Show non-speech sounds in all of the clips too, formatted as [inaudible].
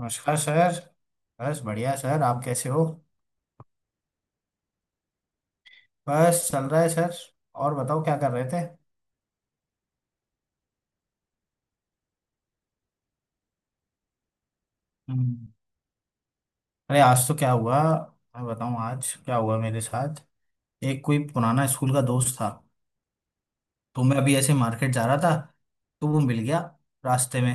नमस्कार सर। बस बढ़िया सर, आप कैसे हो। बस चल रहा है सर। और बताओ क्या कर रहे थे। हम्म। अरे आज तो क्या हुआ, मैं बताऊं आज क्या हुआ मेरे साथ। एक कोई पुराना स्कूल का दोस्त था, तो मैं अभी ऐसे मार्केट जा रहा था, तो वो मिल गया रास्ते में।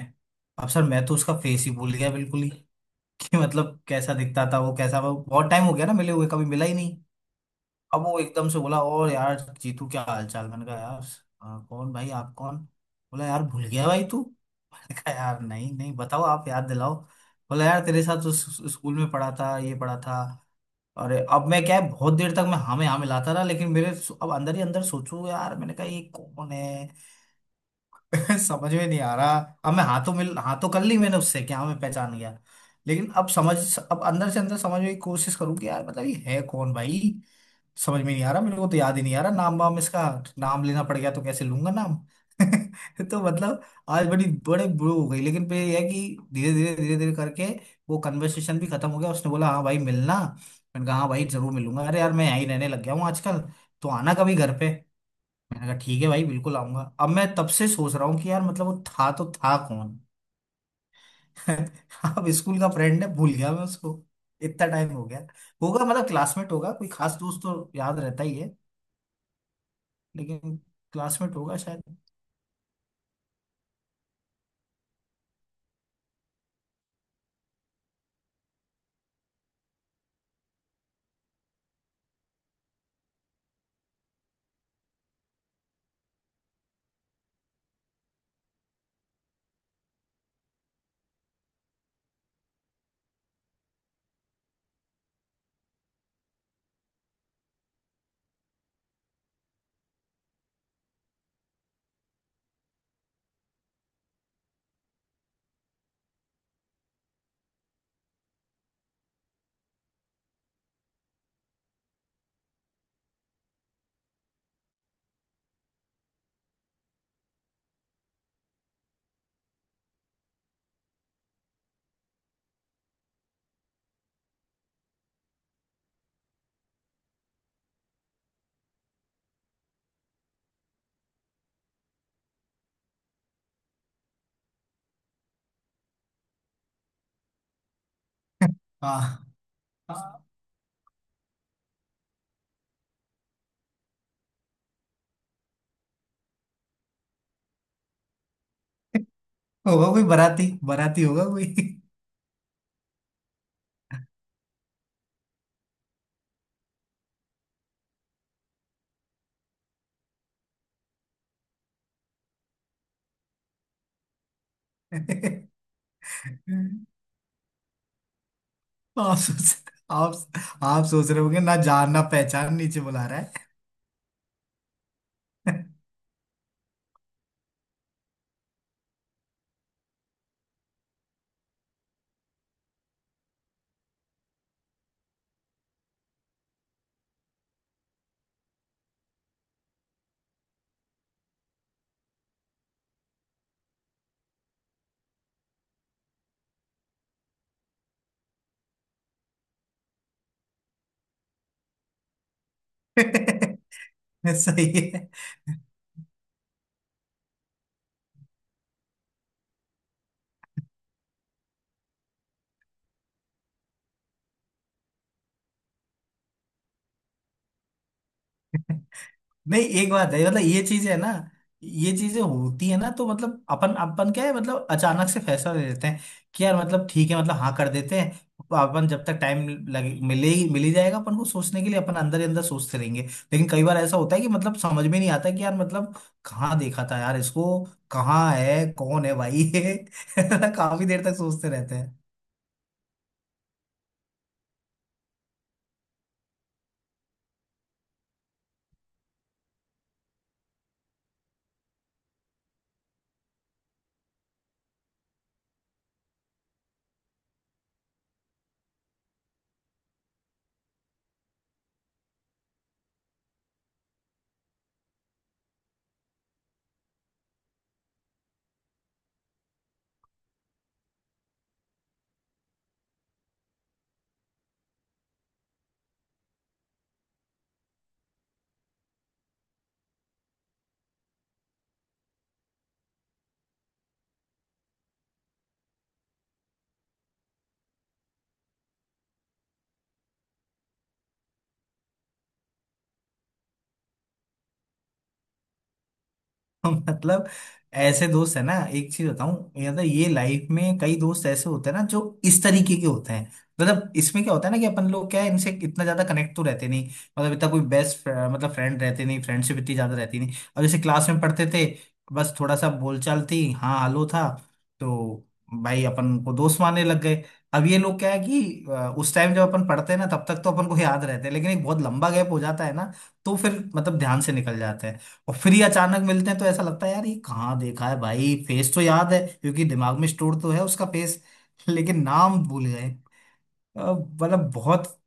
अब सर मैं तो उसका फेस ही भूल गया बिल्कुल ही [laughs] कि मतलब कैसा दिखता था वो, कैसा वो, बहुत टाइम हो गया ना मिले हुए, कभी मिला ही नहीं। अब वो एकदम से बोला और यार जीतू क्या हालचाल, मैंने कहा यार "हाँ, कौन भाई, आप कौन। बोला यार भूल गया भाई तू [laughs] मैंने कहा यार नहीं नहीं बताओ, आप याद दिलाओ। बोला यार तेरे साथ तो स्कूल में पढ़ा था, ये पढ़ा था। और अब मैं क्या है, बहुत देर तक मैं हाँ में हाँ मिलाता रहा, लेकिन मेरे अब अंदर ही अंदर सोचू यार, मैंने कहा ये कौन है। [laughs] समझ में नहीं आ रहा। अब मैं हाथों मिल हाथों कर ली, मैंने उससे क्या मैं पहचान गया। लेकिन अब समझ, अब अंदर से अंदर समझने की कोशिश करूँ कि यार मतलब ये है कौन भाई। समझ में नहीं आ रहा, मेरे को तो याद ही नहीं आ रहा नाम वाम इसका। नाम लेना पड़ गया तो कैसे लूंगा नाम। [laughs] तो मतलब आज बड़ी बड़े बुरे हो गई, लेकिन फिर यह है कि धीरे धीरे धीरे धीरे करके वो कन्वर्सेशन भी खत्म हो गया। उसने बोला हाँ भाई मिलना, मैंने कहा हाँ भाई जरूर मिलूंगा। अरे यार मैं यहीं रहने लग गया हूँ आजकल, तो आना कभी घर पे। मैंने कहा ठीक है भाई बिल्कुल आऊंगा। अब मैं तब से सोच रहा हूँ कि यार मतलब वो था तो था कौन। [laughs] अब स्कूल का फ्रेंड है, भूल गया मैं उसको, इतना टाइम हो गया। होगा मतलब क्लासमेट होगा, कोई खास दोस्त तो याद रहता ही है। लेकिन क्लासमेट होगा शायद। [laughs] हाँ, हाँ, होगा कोई बाराती। बाराती होगा कोई। [laughs] आप सोच, आप सोच रहे होंगे ना जान ना पहचान नीचे बुला रहा है। [laughs] सही है। [laughs] नहीं एक बात है, मतलब ये चीजें है ना, ये चीजें होती है ना, तो मतलब अपन अपन क्या है, मतलब अचानक से फैसला ले लेते हैं कि यार मतलब ठीक है, मतलब हाँ कर देते हैं। तो अपन जब तक टाइम लगे, मिले ही, मिल ही जाएगा, अपन को सोचने के लिए अपन अंदर ही अंदर सोचते रहेंगे। लेकिन कई बार ऐसा होता है कि मतलब समझ में नहीं आता कि यार मतलब कहाँ देखा था यार इसको, कहाँ है, कौन है भाई। [laughs] काफी देर तक सोचते रहते हैं। [laughs] मतलब ऐसे दोस्त है ना, एक चीज बताऊं, मतलब ये लाइफ में कई दोस्त ऐसे होते हैं ना जो इस तरीके के होते हैं। मतलब इसमें क्या होता है ना कि अपन लोग क्या है, इनसे इतना ज्यादा कनेक्ट तो रहते नहीं, मतलब इतना कोई बेस्ट मतलब फ्रेंड रहते नहीं, फ्रेंडशिप इतनी ज्यादा रहती नहीं, और जैसे क्लास में पढ़ते थे बस थोड़ा सा बोलचाल थी, हाँ हेलो था, तो भाई अपन को दोस्त मानने लग गए। अब ये लोग क्या है कि उस टाइम जब अपन पढ़ते हैं ना, तब तक तो अपन को याद रहते हैं, लेकिन एक बहुत लंबा गैप हो जाता है ना, तो फिर मतलब ध्यान से निकल जाते हैं। और फिर ये अचानक मिलते हैं तो ऐसा लगता है यार ये कहाँ देखा है भाई, फेस तो याद है क्योंकि दिमाग में स्टोर तो है उसका फेस [laughs] लेकिन नाम भूल गए। मतलब बहुत।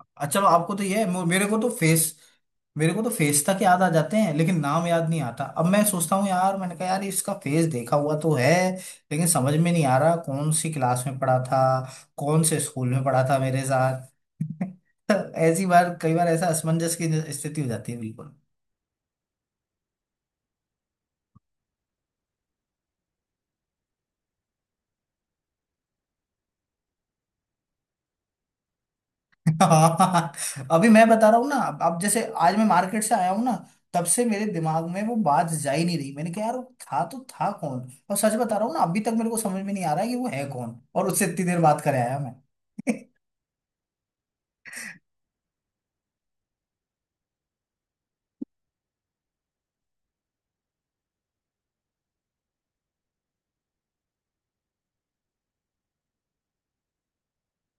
अच्छा चलो आपको तो ये है, मेरे को तो फेस, मेरे को तो फेस तक याद आ जाते हैं, लेकिन नाम याद नहीं आता। अब मैं सोचता हूँ यार, मैंने कहा यार इसका फेस देखा हुआ तो है, लेकिन समझ में नहीं आ रहा कौन सी क्लास में पढ़ा था, कौन से स्कूल में पढ़ा था मेरे साथ। [laughs] ऐसी बार कई बार ऐसा असमंजस की स्थिति हो जाती है बिल्कुल। [laughs] हाँ, अभी मैं बता रहा हूँ ना। अब जैसे आज मैं मार्केट से आया हूँ ना, तब से मेरे दिमाग में वो बात जा ही नहीं रही, मैंने कहा यार वो था तो था कौन। और सच बता रहा हूँ ना, अभी तक मेरे को समझ में नहीं आ रहा है कि वो है कौन, और उससे इतनी देर बात करे आया मैं।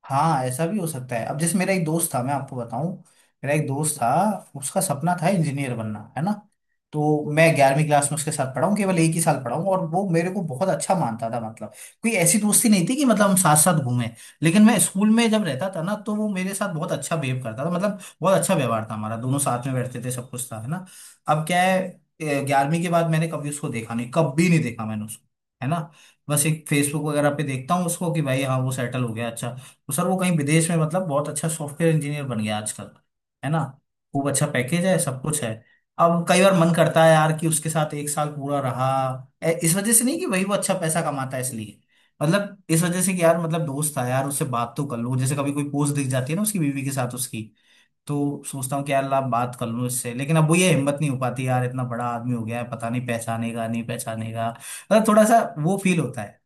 हाँ, ऐसा भी हो सकता है। अब जैसे मेरा एक दोस्त था, मैं आपको बताऊं। मेरा एक दोस्त था, उसका सपना था इंजीनियर बनना, है ना। तो मैं ग्यारहवीं क्लास में उसके साथ पढ़ाऊँ, केवल एक ही साल पढ़ाऊँ, और वो मेरे को बहुत अच्छा मानता था। मतलब कोई ऐसी दोस्ती नहीं थी कि मतलब हम साथ साथ घूमें, लेकिन मैं स्कूल में जब रहता था ना, तो वो मेरे साथ बहुत अच्छा बिहेव करता था, मतलब बहुत अच्छा व्यवहार था हमारा, दोनों साथ में बैठते थे, सब कुछ था, है ना। अब क्या है, ग्यारहवीं के बाद मैंने कभी उसको देखा नहीं, कभी नहीं देखा मैंने उसको, है ना। बस एक फेसबुक वगैरह पे देखता हूँ उसको कि भाई हाँ वो सेटल हो गया अच्छा। तो सर वो कहीं विदेश में मतलब बहुत अच्छा सॉफ्टवेयर इंजीनियर बन गया आजकल, है ना, खूब अच्छा पैकेज है, सब कुछ है। अब कई बार मन करता है यार कि उसके साथ एक साल पूरा रहा, इस वजह से नहीं कि वही वो अच्छा पैसा कमाता है इसलिए, मतलब इस वजह से कि यार मतलब दोस्त था यार, उससे बात तो कर लूं। जैसे कभी कोई पोस्ट दिख जाती है ना उसकी, बीवी के साथ उसकी, तो सोचता हूँ कि यार ला बात कर लूं इससे, लेकिन अब वो ये हिम्मत नहीं हो पाती यार, इतना बड़ा आदमी हो गया है, पता नहीं पहचानेगा नहीं पहचानेगा, मतलब थोड़ा सा वो फील होता है।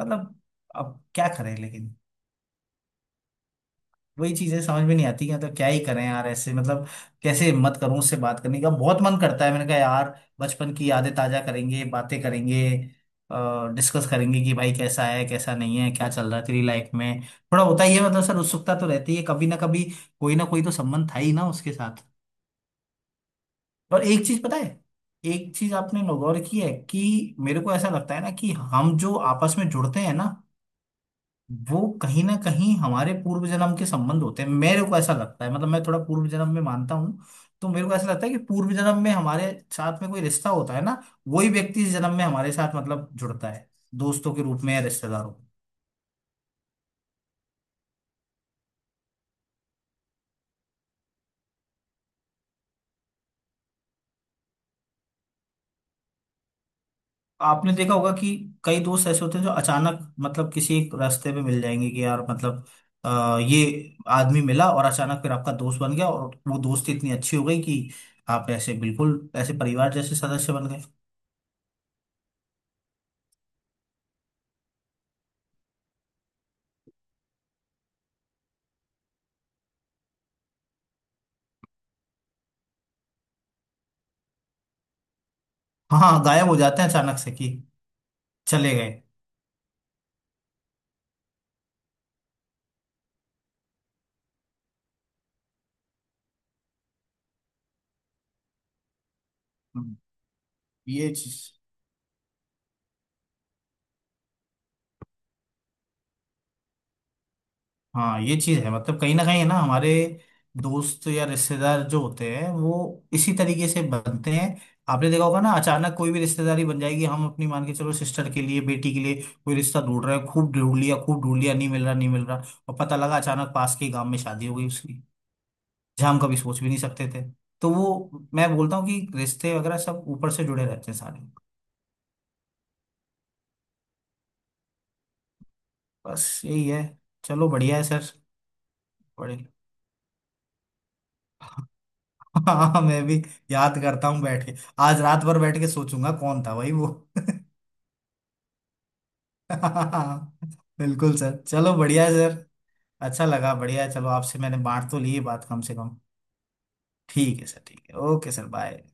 मतलब अब क्या करें, लेकिन वही चीजें समझ में नहीं आती हैं, तो क्या ही करें यार ऐसे, मतलब कैसे हिम्मत करूं, उससे बात करने का बहुत मन करता है। मैंने कहा यार बचपन की यादें ताजा करेंगे, बातें करेंगे, डिस्कस करेंगे कि भाई कैसा है कैसा नहीं है, क्या चल रहा है तेरी लाइफ में। थोड़ा होता ही है, मतलब सर उत्सुकता तो रहती है कभी ना कभी, कोई ना कोई तो संबंध था ही ना उसके साथ। और एक चीज पता है, एक चीज आपने नौगौर की है कि मेरे को ऐसा लगता है ना कि हम जो आपस में जुड़ते हैं ना, वो कहीं ना कहीं हमारे पूर्व जन्म के संबंध होते हैं। मेरे को ऐसा लगता है, मतलब मैं थोड़ा पूर्व जन्म में मानता हूँ। तो मेरे को ऐसा लगता है कि पूर्व जन्म में हमारे साथ में कोई रिश्ता होता है ना, वही व्यक्ति इस जन्म में हमारे साथ मतलब जुड़ता है, दोस्तों के रूप में या रिश्तेदारों में। आपने देखा होगा कि कई दोस्त ऐसे होते हैं जो अचानक मतलब किसी एक रास्ते में मिल जाएंगे कि यार मतलब ये आदमी मिला, और अचानक फिर आपका दोस्त बन गया, और वो दोस्ती इतनी अच्छी हो गई कि आप ऐसे बिल्कुल ऐसे परिवार जैसे सदस्य बन गए। हाँ, हाँ, गायब हो जाते हैं अचानक से कि चले गए। हम्म, ये चीज। हाँ, ये चीज है मतलब कहीं ना कहीं है ना, हमारे दोस्त या रिश्तेदार जो होते हैं वो इसी तरीके से बनते हैं। आपने देखा होगा ना, अचानक कोई भी रिश्तेदारी बन जाएगी, हम अपनी मान के चलो सिस्टर के लिए, बेटी के लिए कोई रिश्ता ढूंढ रहे हैं, खूब ढूंढ लिया खूब ढूंढ लिया, नहीं मिल रहा नहीं मिल रहा, और पता लगा अचानक पास के गांव में शादी हो गई उसकी, जहाँ हम कभी सोच भी नहीं सकते थे। तो वो मैं बोलता हूँ कि रिश्ते वगैरह सब ऊपर से जुड़े रहते हैं सारे। बस यही है, चलो बढ़िया है सर। बड़े [laughs] हाँ मैं भी याद करता हूँ बैठ के, आज रात भर बैठ के सोचूंगा कौन था भाई वो। [laughs] बिल्कुल सर, चलो बढ़िया है सर। अच्छा लगा, बढ़िया है, चलो आपसे मैंने बांट तो ली ये बात कम से कम। ठीक है सर, ठीक है, ओके सर, बाय।